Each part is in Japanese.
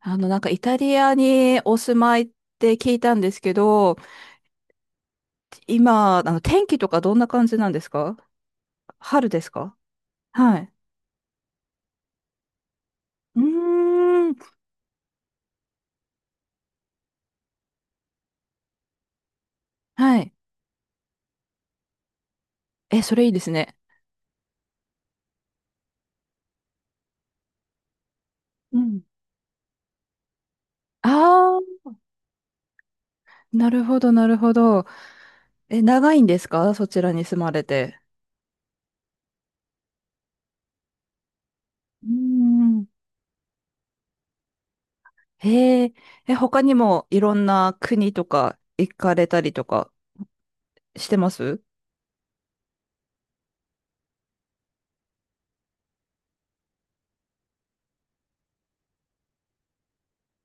なんかイタリアにお住まいって聞いたんですけど、今、天気とかどんな感じなんですか？春ですか？はい。うーん。はい。え、それいいですね。うん。ああ、なるほど、なるほど。え、長いんですか？そちらに住まれて。うーん。へえ。え、他にもいろんな国とか行かれたりとかしてます？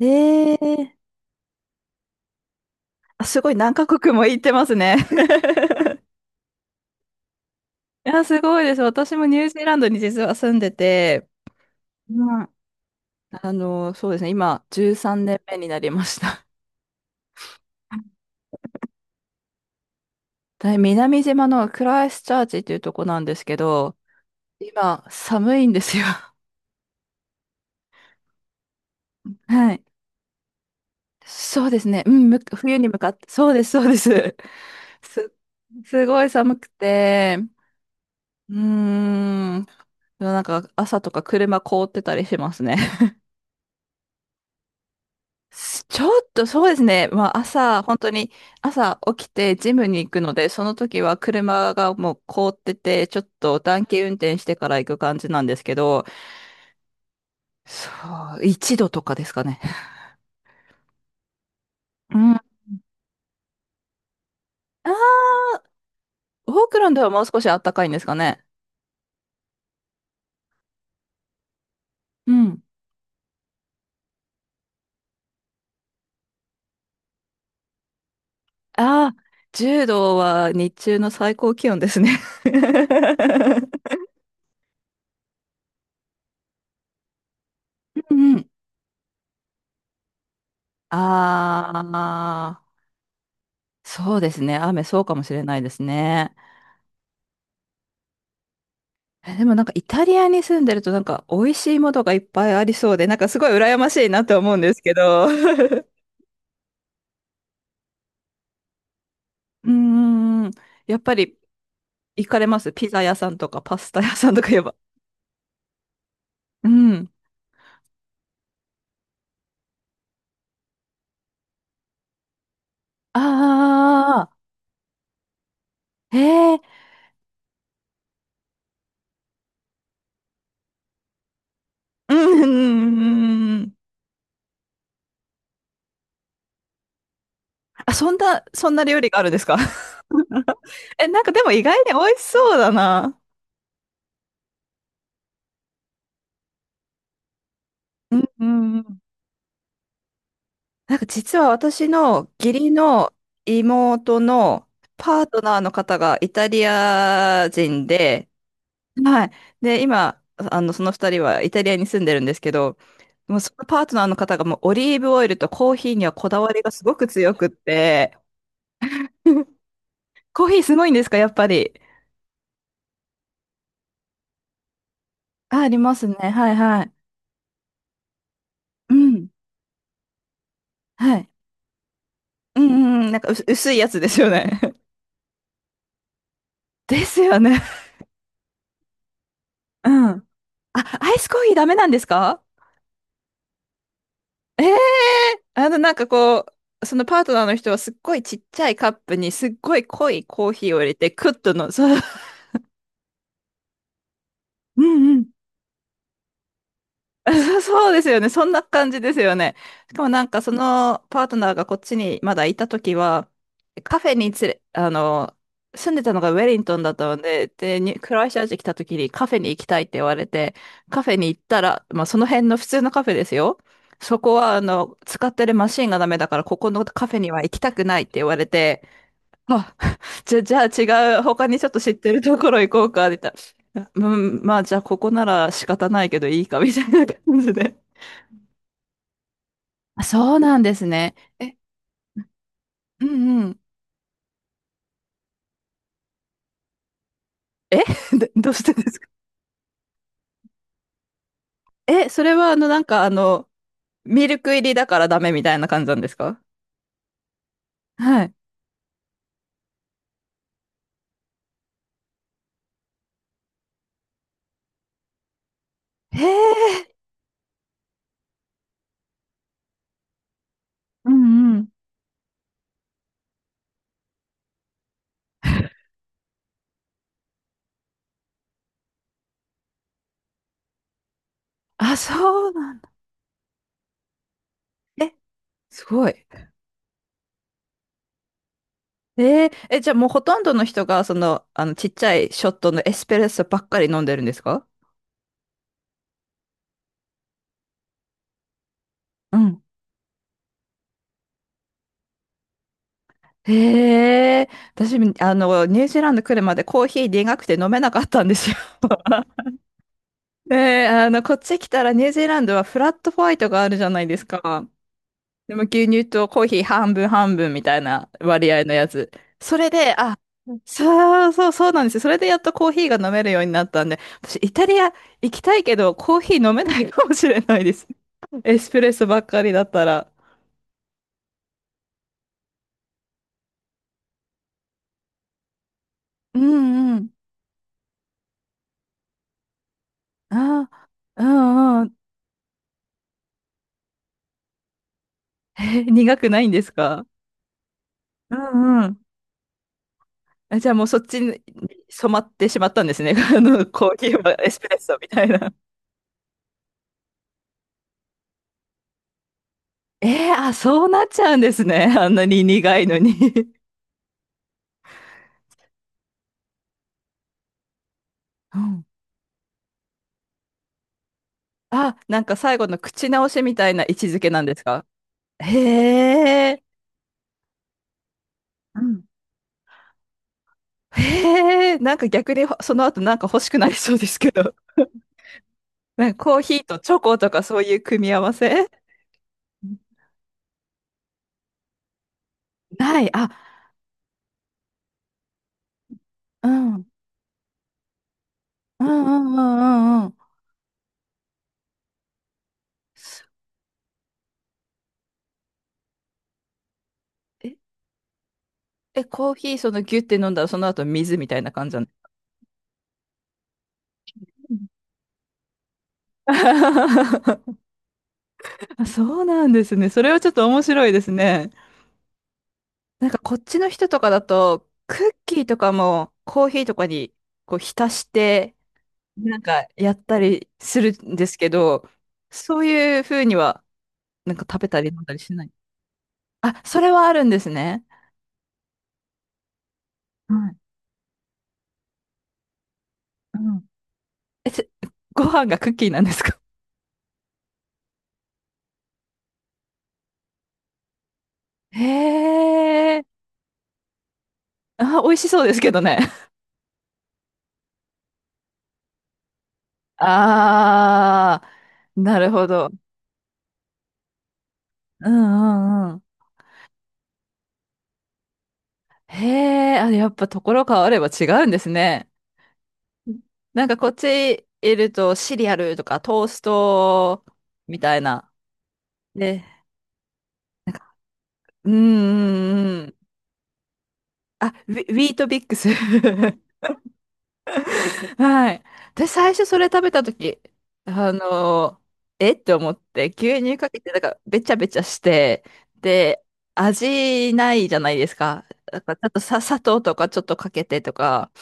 ええ。あ、すごい何カ国も行ってますね。いや、すごいです。私もニュージーランドに実は住んでて、うん。あの、そうですね、今、13年目になりました。で、南島のクライストチャーチっていうとこなんですけど、今、寒いんですよ。はい。そうですね、うん、冬に向かって、そうです、そうです。す、すごい寒くて、うーん、なんか朝とか車凍ってたりしますね。ちょっとそうですね。まあ朝、本当に朝起きてジムに行くので、その時は車がもう凍ってて、ちょっと暖気運転してから行く感じなんですけど、そう、1度とかですかね。うん。ああ、オークランドはもう少し暖かいんですかね？うん。ああ、10度は日中の最高気温ですね。うんうん。ああ、そうですね。雨そうかもしれないですね。え、でもなんかイタリアに住んでるとなんか美味しいものがいっぱいありそうで、なんかすごい羨ましいなと思うんですけど。うーん。やっぱり行かれます？ピザ屋さんとかパスタ屋さんとか言えば。うん。ああ、へえ。うんうんうんうん。あ、そんな料理があるんですか？ え、なんかでも意外に美味しそうだな。うんうんうん。なんか実は私の義理の妹のパートナーの方がイタリア人で、はい。で、今、その二人はイタリアに住んでるんですけど、もうそのパートナーの方がもうオリーブオイルとコーヒーにはこだわりがすごく強くって、コーヒーすごいんですか？やっぱり。あ、ありますね。はいはい。うん。はい。うんうんうん。なんか薄いやつですよね。ですよね。うん。あ、アイスコーヒーダメなんですか？ええー、なんかこう、そのパートナーの人はすっごいちっちゃいカップにすっごい濃いコーヒーを入れて、クッとの、そう。うん。 そうですよね。そんな感じですよね。しかもなんかそのパートナーがこっちにまだいたときは、カフェに連れ、あの、住んでたのがウェリントンだったので、で、クライストチャーチ来たときにカフェに行きたいって言われて、カフェに行ったら、まあその辺の普通のカフェですよ。そこは使ってるマシンがダメだから、ここのカフェには行きたくないって言われて、あ、じゃあ違う、他にちょっと知ってるところ行こうか、みたいな。うん、まあじゃあここなら仕方ないけどいいか、みたいな感じで。あ、そうなんですね。え、うんうん。え。 どうしてですか？え、それはなんかミルク入りだからダメみたいな感じなんですか？はい。へえ、うんうん。あ、そうなんだ。え、すごい。え、じゃあもうほとんどの人が、ちっちゃいショットのエスプレッソばっかり飲んでるんですか？うん。へえ、私、ニュージーランド来るまでコーヒー苦くて飲めなかったんですよ。ねえ、こっち来たらニュージーランドはフラットホワイトがあるじゃないですか。でも牛乳とコーヒー半分半分みたいな割合のやつ。それで、あ、そうそうそうなんですよ。それでやっとコーヒーが飲めるようになったんで、私イタリア行きたいけどコーヒー飲めないかもしれないです。エスプレッソばっかりだったら。うんうん。あ、うんうん。え、苦くないんですか？うんうん。あ、じゃあもうそっちに染まってしまったんですね。コーヒーはエスプレッソみたいな。えー、あ、そうなっちゃうんですね。あんなに苦いのに。うん。あ、なんか最後の口直しみたいな位置づけなんですか？へえ。うん。へえ、なんか逆にその後なんか欲しくなりそうですけど。なんかコーヒーとチョコとかそういう組み合わせない。あ、うん。うんうんうんうんうん。す、え、コーヒーそのギュって飲んだらその後水みたいな感じなん。あ。 そうなんですね。それはちょっと面白いですね。なんかこっちの人とかだと、クッキーとかもコーヒーとかにこう浸して、なんかやったりするんですけど、そういう風にはなんか食べたり飲んだりしない。あ、それはあるんですね。はい。うん。え、ご飯がクッキーなんですか？へえ。あ、美味しそうですけどね。ああ、なるほど。うんうんうん。へえ、あ、やっぱところ変われば違うんですね。なんかこっちいるとシリアルとかトーストみたいな。で、なんか、うんうんうん。あ、ウィートビックス。はい。で、最初それ食べたとき、あのー、えって思って、牛乳かけて、なんか、べちゃべちゃして、で、味ないじゃないですか。だから、ちょっとさ、砂糖とかちょっとかけてとか、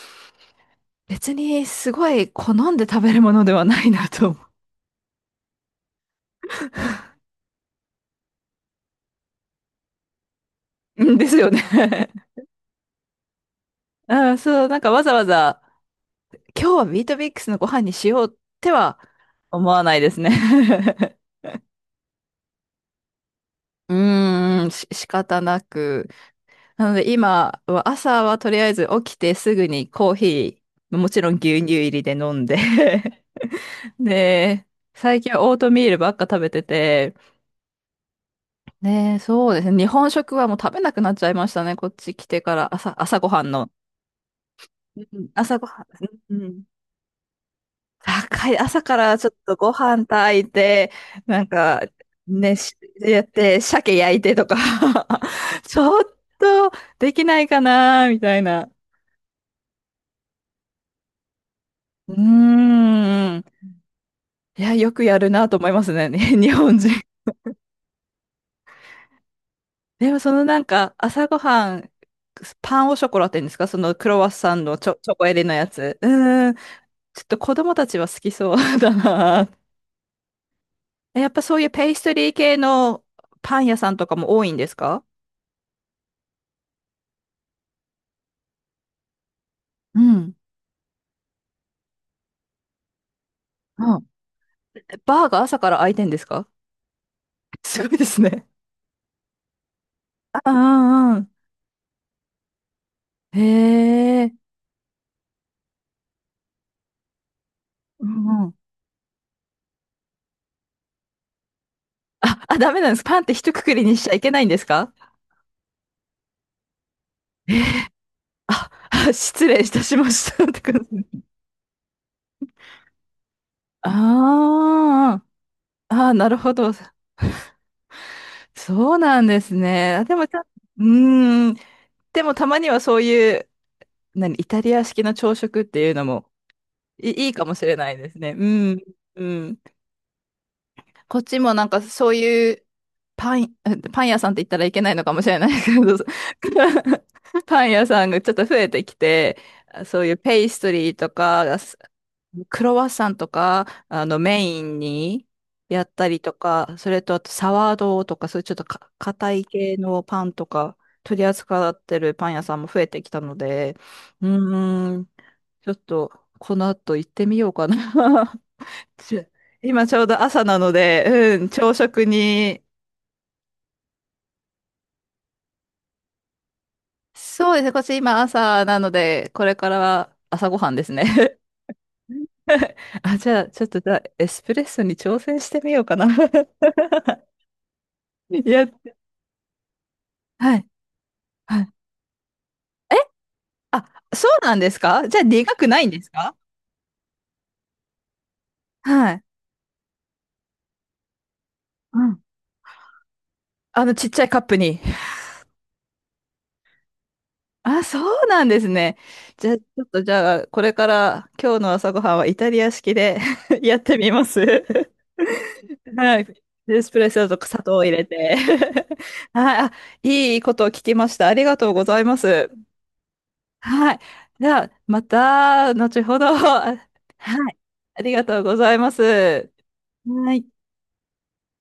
別にすごい好んで食べるものではないなと思う。うんですよね。うん、そう、なんかわざわざ、今日はビートミックスのご飯にしようっては思わないですね。うーん、仕方なく。なので今は朝はとりあえず起きてすぐにコーヒー、もちろん牛乳入りで飲んで。 で、最近はオートミールばっか食べてて、ね、そうですね。日本食はもう食べなくなっちゃいましたね。こっち来てから朝ごはんの。うん、朝ごはん、うん。高い。朝からちょっとご飯炊いて、なんか、ね、しやって、鮭焼いてとか。 ちょっとできないかな、みたいな。うーん。いや、よくやるなと思いますね、日本人。でも、そのなんか、朝ごはん、パンオショコラって言うんですか？そのクロワッサンのチョコ入りのやつ。うーん。ちょっと子供たちは好きそう。 だな。やっぱそういうペイストリー系のパン屋さんとかも多いんですか？うん。うん。バーが朝から開いてんですか？ すごいですね。ああ、うんうん。へえ。うんうん。あ、あ、ダメなんです。パンって一括りにしちゃいけないんですか？あ、あ、失礼いたしました。って感じ。ああ、ああ、なるほど。そうなんですね。あ、でもちゃん、うーん。でもたまにはそういう、イタリア式の朝食っていうのもいいかもしれないですね。うん。うん。こっちもなんかそういうパン、パン屋さんって言ったらいけないのかもしれないですけど、パン屋さんがちょっと増えてきて、そういうペイストリーとか、クロワッサンとか、メインにやったりとか、それとあとサワードーとか、そういうちょっとか硬い系のパンとか、取り扱ってるパン屋さんも増えてきたので、うーん、ちょっと、この後行ってみようかな。ちょ今ちょうど朝なので、うん、朝食に、そうですね、こっち今朝なので、これからは朝ごはんですね。あ、じゃあ、ちょっとじゃあ、エスプレッソに挑戦してみようかな。やっはい、はい。え、あ、そうなんですか？じゃあ苦くないんですか？はい。うん。あのちっちゃいカップに。あ、そうなんですね。じゃあ、ちょっとじゃあ、これから今日の朝ごはんはイタリア式で。 やってみます。はい。エスプレッソと砂糖を入れて。 はい。あ、いいことを聞きました。ありがとうございます。はい。じゃあ、また、後ほど。はい。ありがとうございます。はい。